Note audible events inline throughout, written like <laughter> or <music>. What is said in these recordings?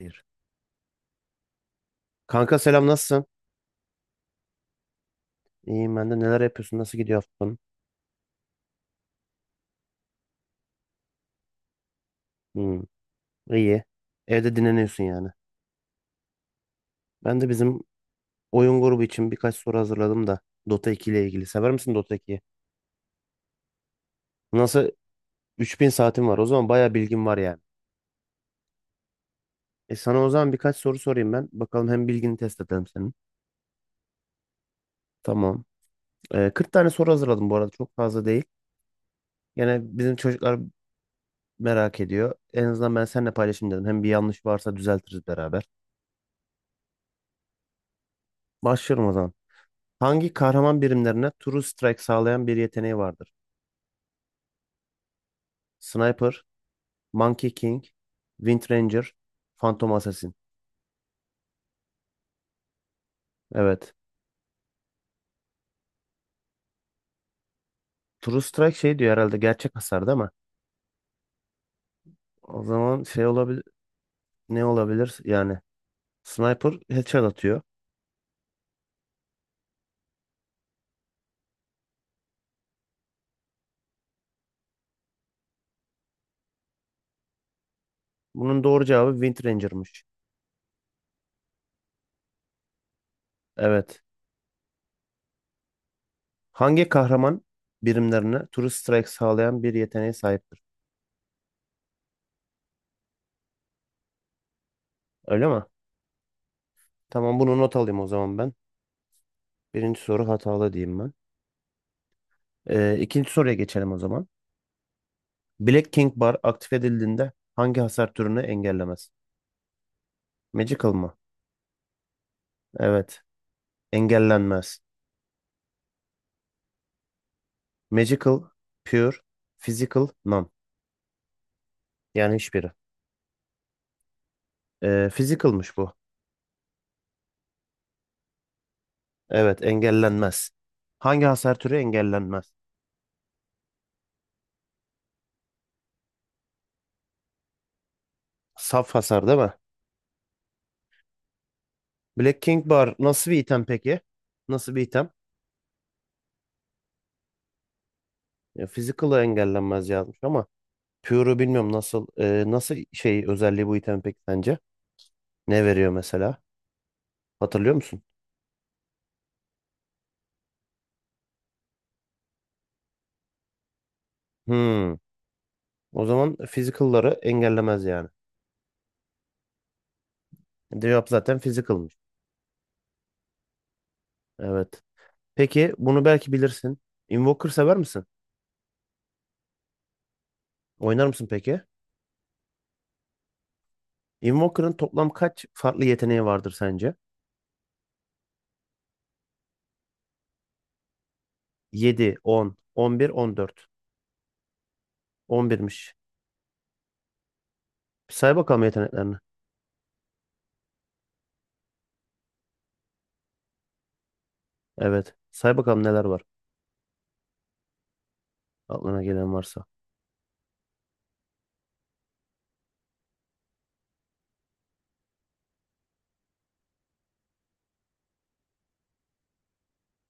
Bir. Kanka, selam, nasılsın? İyiyim ben de. Neler yapıyorsun? Nasıl gidiyor haftan? Hmm, iyi. Evde dinleniyorsun yani. Ben de bizim oyun grubu için birkaç soru hazırladım da, Dota 2 ile ilgili. Sever misin Dota 2'yi? Nasıl 3000 saatim var. O zaman bayağı bilgim var yani. E sana o zaman birkaç soru sorayım ben. Bakalım, hem bilgini test edelim senin. Tamam. 40 tane soru hazırladım bu arada. Çok fazla değil. Gene bizim çocuklar merak ediyor. En azından ben seninle paylaşayım dedim. Hem bir yanlış varsa düzeltiriz beraber. Başlıyorum o zaman. Hangi kahraman birimlerine True Strike sağlayan bir yeteneği vardır? Sniper, Monkey King, Wind Ranger, Phantom Assassin. Evet. True Strike şey diyor herhalde, gerçek hasar değil mi? O zaman şey olabilir, ne olabilir yani? Sniper headshot atıyor. Bunun doğru cevabı Wind Ranger'mış. Evet. Hangi kahraman birimlerine True Strike sağlayan bir yeteneğe sahiptir? Öyle mi? Tamam, bunu not alayım o zaman ben. Birinci soru hatalı diyeyim ben. İkinci soruya geçelim o zaman. Black King Bar aktif edildiğinde hangi hasar türünü engellemez? Magical mı? Evet. Engellenmez. Magical, Pure, Physical, None. Yani hiçbiri. Physical'mış bu. Evet, engellenmez. Hangi hasar türü engellenmez? Saf hasar değil mi? Black King Bar nasıl bir item peki? Nasıl bir item? Physical'ı engellenmez yazmış ama Pure'u bilmiyorum, nasıl şey özelliği bu item peki sence? Ne veriyor mesela? Hatırlıyor musun? Hmm. O zaman physical'ları engellemez yani. Cevap zaten physical'mış. Evet. Peki bunu belki bilirsin. Invoker sever misin? Oynar mısın peki? Invoker'ın toplam kaç farklı yeteneği vardır sence? 7, 10, 11, 14. 11'miş. Bir say bakalım yeteneklerini. Evet. Say bakalım neler var. Aklına gelen varsa.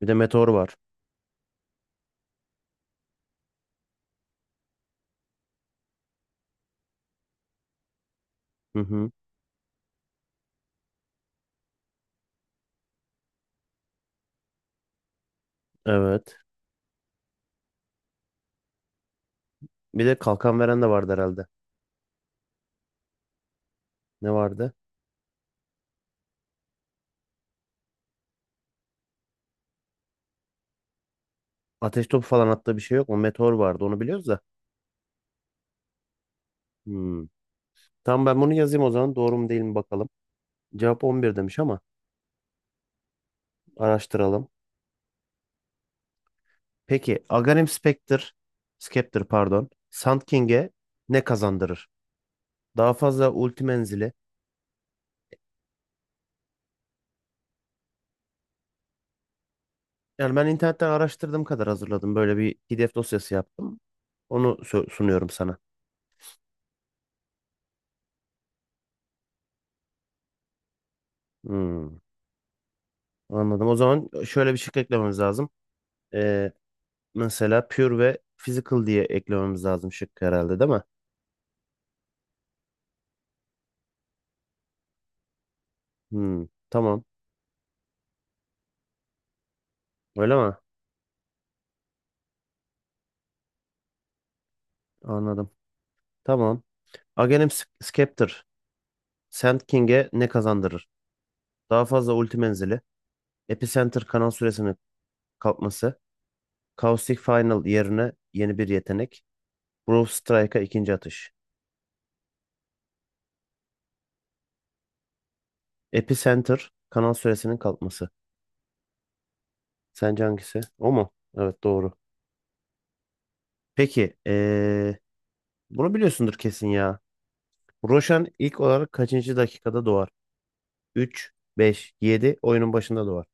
Bir de meteor var. Hı hı. Evet. Bir de kalkan veren de vardı herhalde. Ne vardı? Ateş topu falan attığı bir şey yok mu? Meteor vardı. Onu biliyoruz da. Hmm. Tamam, ben bunu yazayım o zaman. Doğru mu değil mi bakalım. Cevap 11 demiş ama araştıralım. Peki Aghanim Spectre, Scepter pardon, Sand King'e ne kazandırır? Daha fazla ulti menzili. Yani ben internetten araştırdığım kadar hazırladım. Böyle bir PDF dosyası yaptım. Onu sunuyorum sana. Hmm, anladım. O zaman şöyle bir şık eklememiz lazım. Ee, mesela Pure ve Physical diye eklememiz lazım şık herhalde değil mi? Tamam. Öyle mi? Anladım. Tamam. Aghanim Scepter, Sand King'e ne kazandırır? Daha fazla ulti menzili, Epicenter kanal süresinin kalkması, Caustic Final yerine yeni bir yetenek, Brawl Strike'a ikinci atış. Epicenter kanal süresinin kalkması. Sence hangisi? O mu? Evet, doğru. Peki, bunu biliyorsundur kesin ya. Roshan ilk olarak kaçıncı dakikada doğar? 3, 5, 7, oyunun başında doğar.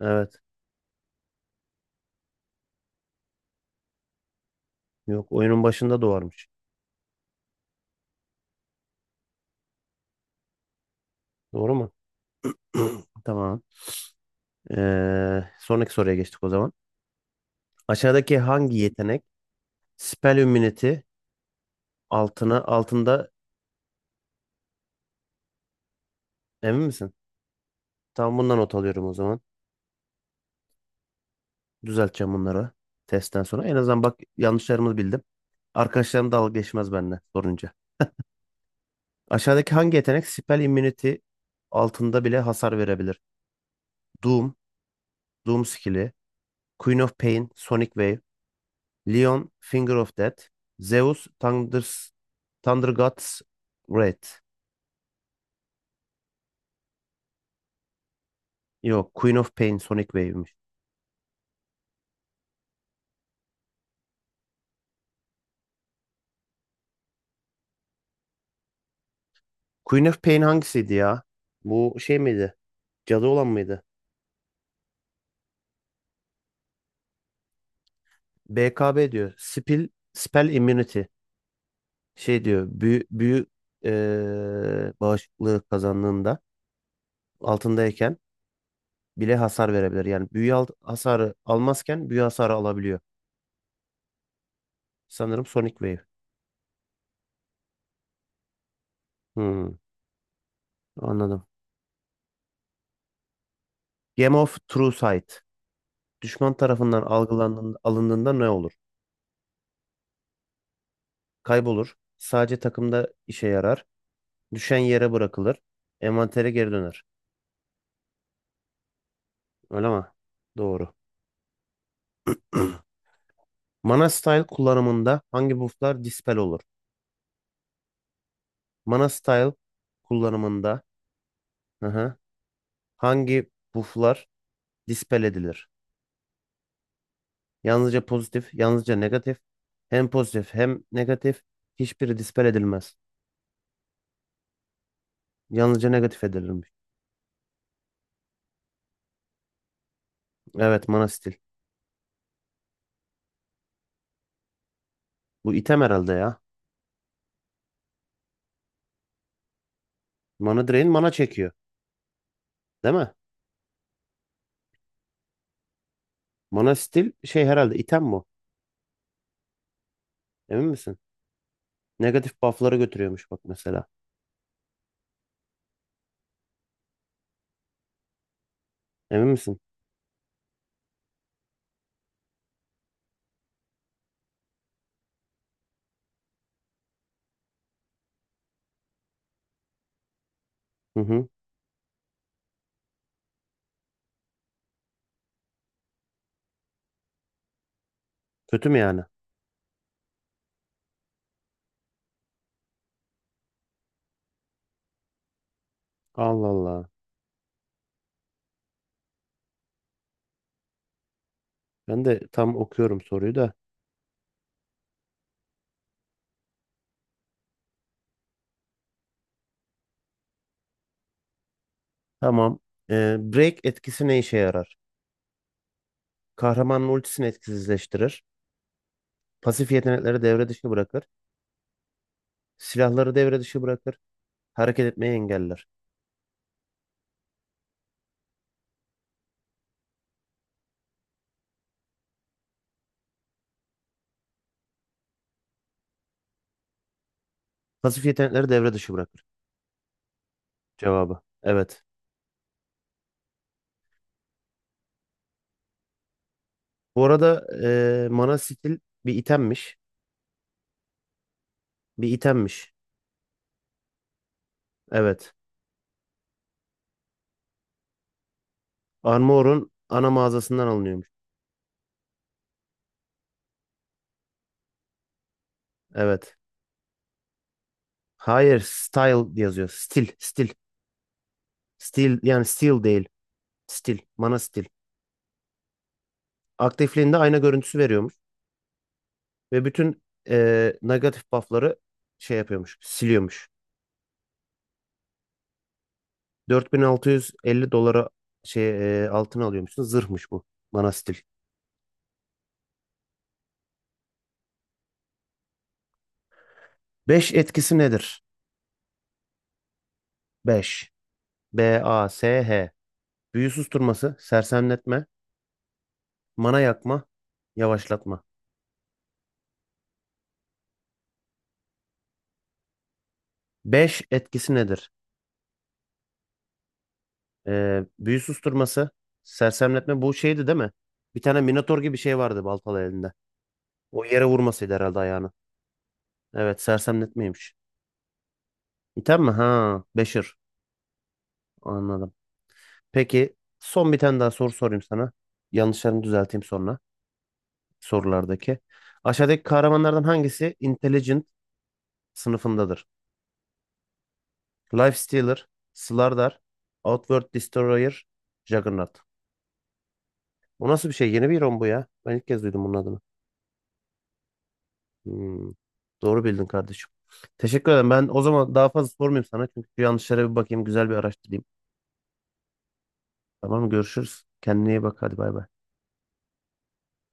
Evet. Yok, oyunun başında doğarmış. Doğru mu? <clears throat> Tamam. Sonraki soruya geçtik o zaman. Aşağıdaki hangi yetenek Spell Immunity altında emin misin? Tamam, bundan not alıyorum o zaman. Düzelteceğim bunları testten sonra. En azından bak, yanlışlarımı bildim. Arkadaşlarım dalga geçmez benimle sorunca. Aşağıdaki hangi yetenek Spell Immunity altında bile hasar verebilir? Doom, Doom skill'i, Queen of Pain, Sonic Wave, Leon, Finger of Death, Zeus, Thunders, Thunder God's Wrath. Yok, Queen of Pain, Sonic Wave'miş. Queen of Pain hangisiydi ya? Bu şey miydi? Cadı olan mıydı? BKB diyor. Spell immunity. Şey diyor. Büyü bağışıklığı kazandığında altındayken bile hasar verebilir. Yani büyü al- hasarı almazken büyü hasarı alabiliyor. Sanırım Sonic Wave. Hmm, anladım. Game of True Sight. Düşman tarafından algılandığında, alındığında ne olur? Kaybolur. Sadece takımda işe yarar. Düşen yere bırakılır. Envantere geri döner. Öyle mi? Doğru. Mana Style kullanımında hangi bufflar dispel olur? Manastyle kullanımında, hı hı, hangi bufflar dispel edilir? Yalnızca pozitif, yalnızca negatif. Hem pozitif hem negatif. Hiçbiri dispel edilmez. Yalnızca negatif edilirmiş. Evet, mana stil. Bu item herhalde ya. Mana drain mana çekiyor. Değil mi? Mana stil şey herhalde item bu. Emin misin? Negatif buff'ları götürüyormuş bak mesela. Emin misin? Hı hı. Kötü mü yani? Allah Allah. Ben de tam okuyorum soruyu da. Tamam. Break etkisi ne işe yarar? Kahramanın ultisini etkisizleştirir. Pasif yetenekleri devre dışı bırakır. Silahları devre dışı bırakır. Hareket etmeyi engeller. Pasif yetenekleri devre dışı bırakır. Cevabı. Evet. Bu arada mana skill bir itemmiş. Bir itemmiş. Evet. Armor'un ana mağazasından alınıyormuş. Evet. Hayır, style yazıyor. Stil, stil. Stil yani steel değil. Stil, mana stil. Aktifliğinde ayna görüntüsü veriyormuş ve bütün negatif buff'ları şey yapıyormuş, siliyormuş. 4650 dolara şey altın alıyormuşsun. Zırhmış bu. Manastil. Beş etkisi nedir? Beş B A S H. Büyü susturması, sersemletme, mana yakma, yavaşlatma. Beş etkisi nedir? E, büyü susturması, sersemletme bu şeydi değil mi? Bir tane minotor gibi şey vardı baltalı elinde. O yere vurmasıydı herhalde ayağını. Evet, sersemletmeymiş. İtem mi? Ha, Beşir. Anladım. Peki son bir tane daha soru sorayım sana. Yanlışlarımı düzelteyim sonra, sorulardaki. Aşağıdaki kahramanlardan hangisi Intelligent sınıfındadır? Lifestealer, Slardar, Outward Destroyer, Juggernaut. Bu nasıl bir şey? Yeni bir hero bu ya. Ben ilk kez duydum bunun adını. Hmm, Doğru bildin kardeşim. Teşekkür ederim. Ben o zaman daha fazla sormayayım sana. Çünkü şu yanlışlara bir bakayım. Güzel bir araştırayım. Tamam mı? Görüşürüz. Kendine iyi bak. Hadi bay bay.